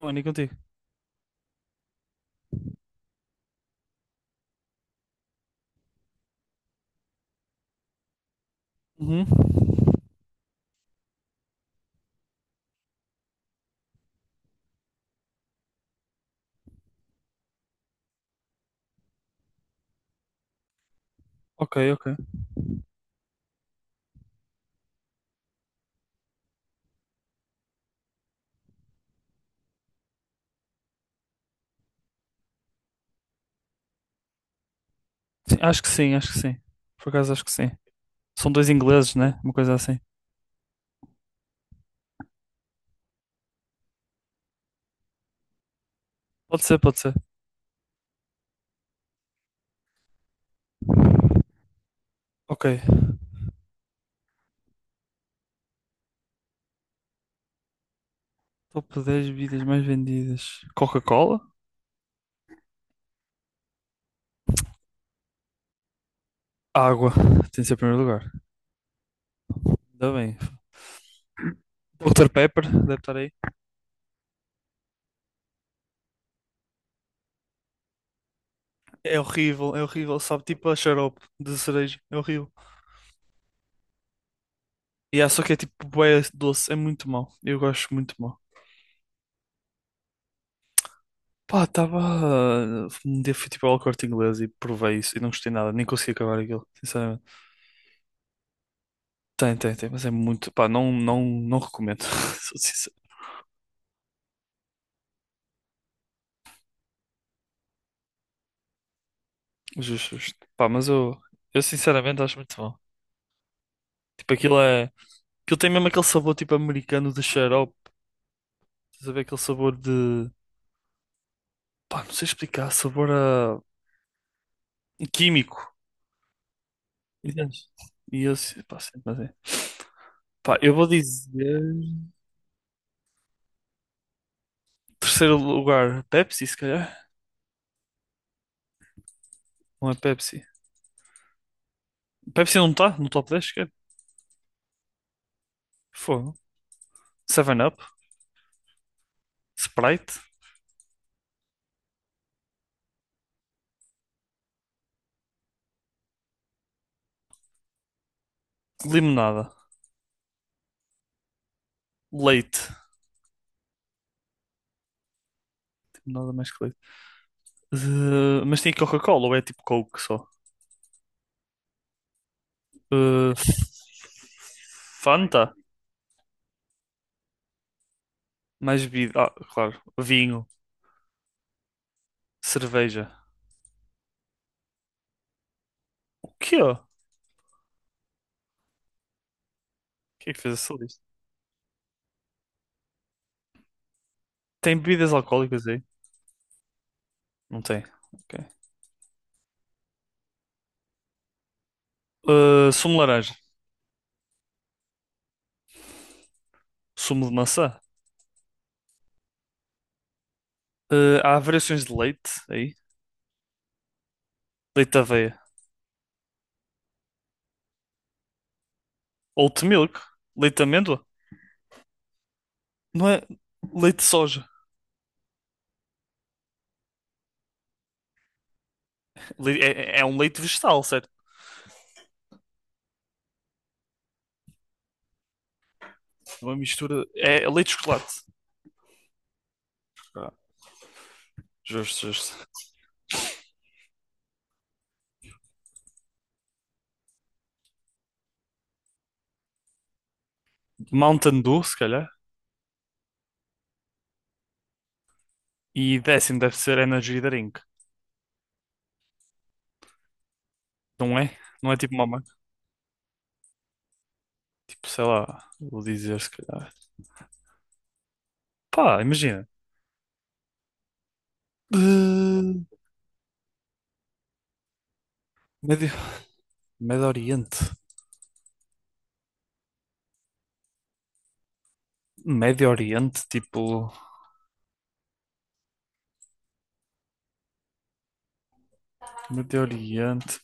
Tony, contigo. Uhum. Ok, ok. Sim, acho que sim, acho que sim. Por acaso, acho que sim. São dois ingleses, né? Uma coisa assim. Pode ser, pode ser. Ok. Top 10 bebidas mais vendidas. Coca-Cola? Água. Tem de ser em primeiro lugar. Ainda bem. Dr. Pepper, deve estar aí. É horrível, é horrível. Sabe, tipo a xarope de cereja. É horrível. E yeah, só que é tipo bué doce. É muito mau. Eu gosto muito mal. Pá, estava. Um dia fui tipo ao Corte Inglês e provei isso e não gostei nada, nem consegui acabar aquilo, sinceramente. Tem, tem, tem, mas é muito. Pá, não, não, não recomendo. Sou sincero. Justo, justo. Pá, mas eu sinceramente acho muito bom. Tipo, aquilo é. Aquilo tem mesmo aquele sabor tipo americano de xarope. Estás a ver aquele sabor de. Pá, não sei explicar, sabor a químico. Entendes? E eu, pá, sim, mas é. Pá, eu vou dizer. Terceiro lugar, Pepsi, se calhar. Não é Pepsi. Pepsi não está no top 10, cara. Fogo. Seven up. Sprite, limonada, leite. Tipo, nada mais que leite. Mas tem Coca-Cola ou é tipo Coke só? Eh, Fanta, mais bebida. Ah, claro. Vinho, cerveja. O quê? O que é que fez essa lista? Tem bebidas alcoólicas aí? Não tem. Ok. Sumo de laranja, sumo de maçã. Há variações de leite aí. Leite de aveia. Oat milk, leite de amêndoa. Não é leite de soja. É um leite vegetal, certo? Uma mistura. É leite de chocolate. Ah, justo, justo. Mountain Dew, se calhar. E 10º deve ser Energy Drink. Não é? Não é tipo uma marca? Tipo, sei lá, vou dizer se calhar. Pá, imagina. Eh, Médio, Médio Oriente. Médio Oriente, tipo. Médio Oriente.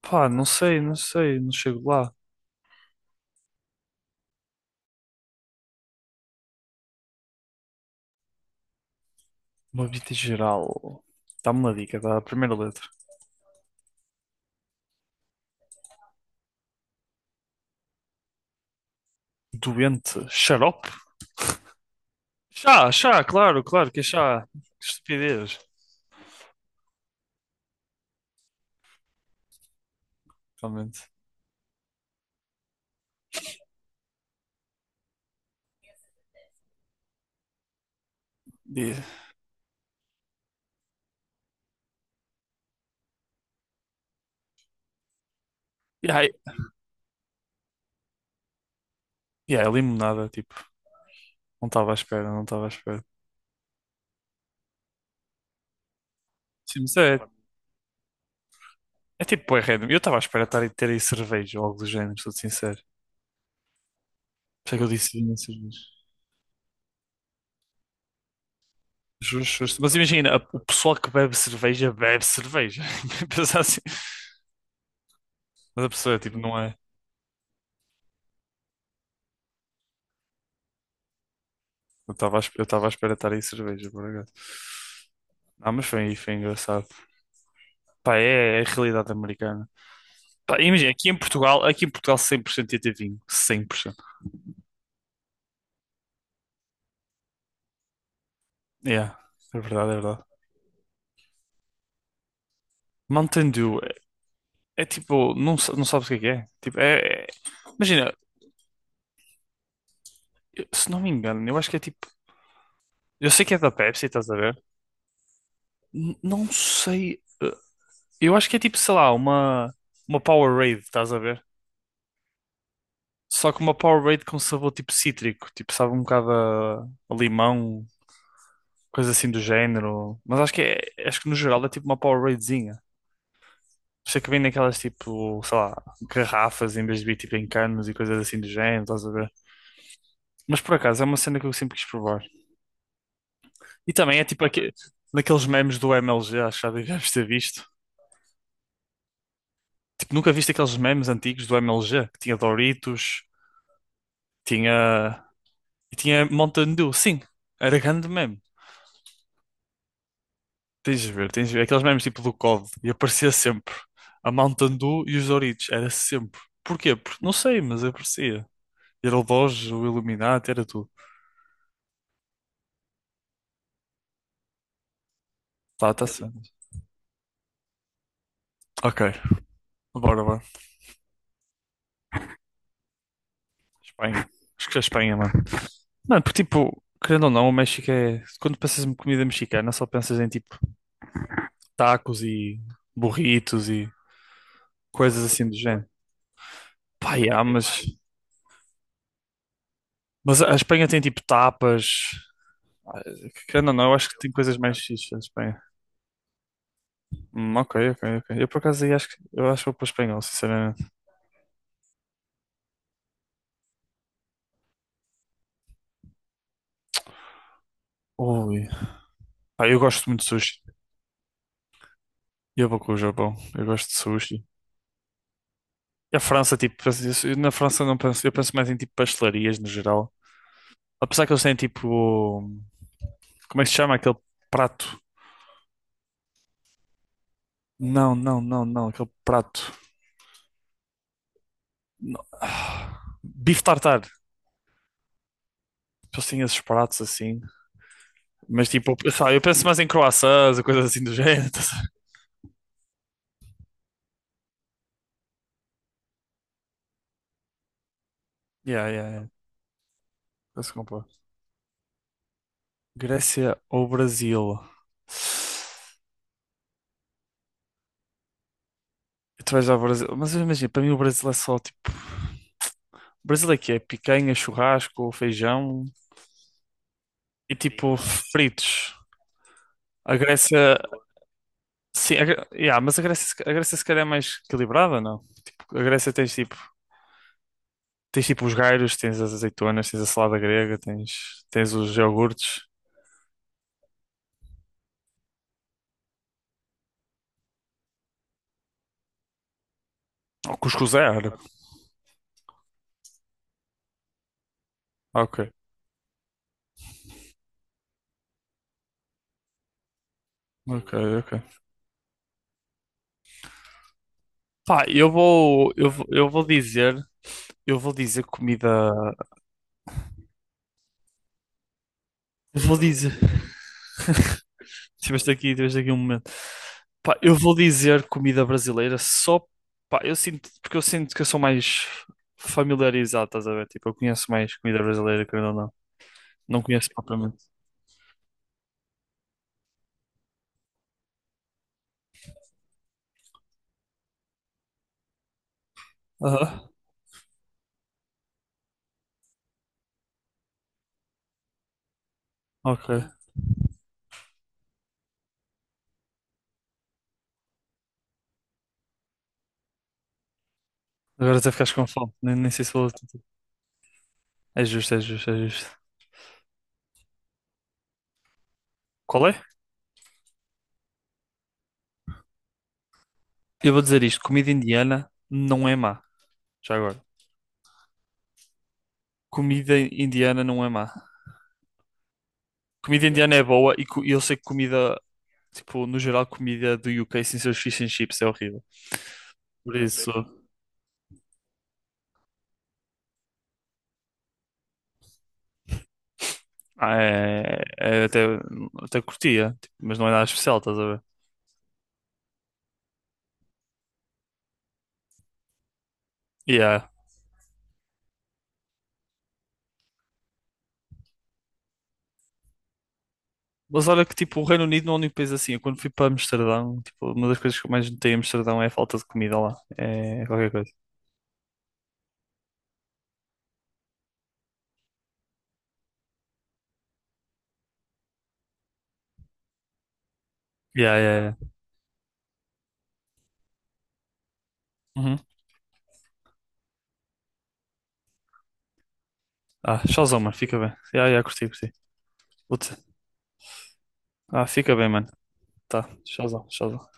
Pá, não sei, não sei, não chego lá. Uma vida geral. Dá-me uma dica da primeira letra. Doente. Xarope? Chá, chá, claro, claro que é chá. Que estupidez, realmente. E, e e aí, limonada, tipo, não estava à espera, não estava à espera. Sim, mas é tipo, bué random. Eu estava à espera estar, a ter aí cerveja ou algo do género, sou sincero. Por isso é que eu disse vinho e cerveja. Justo, justo. Mas imagina, o pessoal que bebe cerveja, bebe cerveja. Pensar assim. Mas a pessoa, tipo, não é. Eu estava à espera estar aí cerveja, por acaso. Ah, mas foi engraçado. Pá, é a realidade americana. Pá, imagina, aqui em Portugal 100% ia ter vinho, 100%. Yeah, é verdade, é verdade. Mountain Dew é tipo, não, não sabes o que é que é. Tipo, é- Imagina, se não me engano, eu acho que é tipo, eu sei que é da Pepsi, estás a ver? Não sei, eu acho que é tipo, sei lá, uma Powerade, estás a ver? Só que uma Powerade com sabor tipo cítrico, tipo, sabe um bocado a limão, coisa assim do género. Mas acho que no geral é tipo uma Poweradezinha. Por isso é que vem daquelas tipo, sei lá, garrafas em vez de vir tipo em canos e coisas assim do género, estás a ver? Mas por acaso é uma cena que eu sempre quis provar. E também é tipo naqueles memes do MLG, acho que já deves ter visto. Tipo, nunca viste aqueles memes antigos do MLG, que tinha Doritos, tinha. E tinha Mountain Dew, sim, era grande meme. Tens de ver, tens de ver. Aqueles memes tipo do COD, e aparecia sempre a Mountain Dew e os Doritos, era sempre. Porquê? Porque não sei, mas aparecia. Era o Doge, o Illuminati, era tudo. Tá, tá certo. Ok, bora, bora. Espanha. Acho que é Espanha, mano. Mano, porque tipo, querendo ou não, o México é. Quando pensas em comida mexicana, só pensas em tipo tacos e burritos e coisas assim do género. Pá, yeah, mas. Mas a Espanha tem tipo tapas. Ah, querendo ou não, eu acho que tem coisas mais fixas a Espanha. Ok, ok, ok. Eu por acaso aí acho que eu acho que vou para o espanhol, sinceramente. Ui. Pá, eu gosto muito de sushi. Eu vou com o Japão. Eu gosto de sushi. E a França, tipo, na França eu não penso, eu penso mais em tipo pastelarias no geral. Apesar que eles têm tipo. Como é que se chama aquele prato? Não, não, não, não, aquele prato. Bife tartar. Eles têm esses pratos assim. Mas tipo, eu sabe, eu penso mais em croissants, ou coisas assim do género. Estás a ver? Yeah, yeah, yeah. Penso que compro. Grécia ou Brasil? Tu vais ao Brasil. Mas imagina, para mim o Brasil é só tipo. O Brasil é que é picanha, churrasco, feijão e tipo fritos. A Grécia. Sim, yeah, mas a Grécia, se ca- a Grécia se calhar é mais equilibrada, não? Tipo, a Grécia tens tipo os gyros, tens as azeitonas, tens a salada grega, tens os iogurtes. O cuscuz é árabe. Ok, ok, ok. Pá, eu vou dizer comida, eu vou dizer. Tiveste aqui um momento. Pá, eu vou dizer comida brasileira só, pá, porque eu sinto que eu sou mais familiarizado, estás a ver? Tipo, eu conheço mais comida brasileira, querendo ou não. Não conheço propriamente. Aham, ok. Agora até ficaste com fome, nem sei se vou. É justo, é justo, é justo. Qual é? Eu vou dizer isto, comida indiana não é má. Já agora. Comida indiana não é má. Comida indiana é boa e e eu sei que comida, tipo, no geral, comida do UK sem seus fish and chips é horrível. Por isso. Ah, é até curtia, tipo, mas não é nada especial, estás a ver? Yeah. Mas olha que tipo, o Reino Unido não é um país assim. Eu, quando fui para Amsterdão, tipo, uma das coisas que eu mais notei em Amsterdão é a falta de comida lá. É qualquer coisa. Yeah, yeah, yeah. Uhum. Ah, showzão, mano, fica bem. Yeah, yeah, curti, curti. Puta. Ah, fica bem, mano. Tá, showzão, showzão.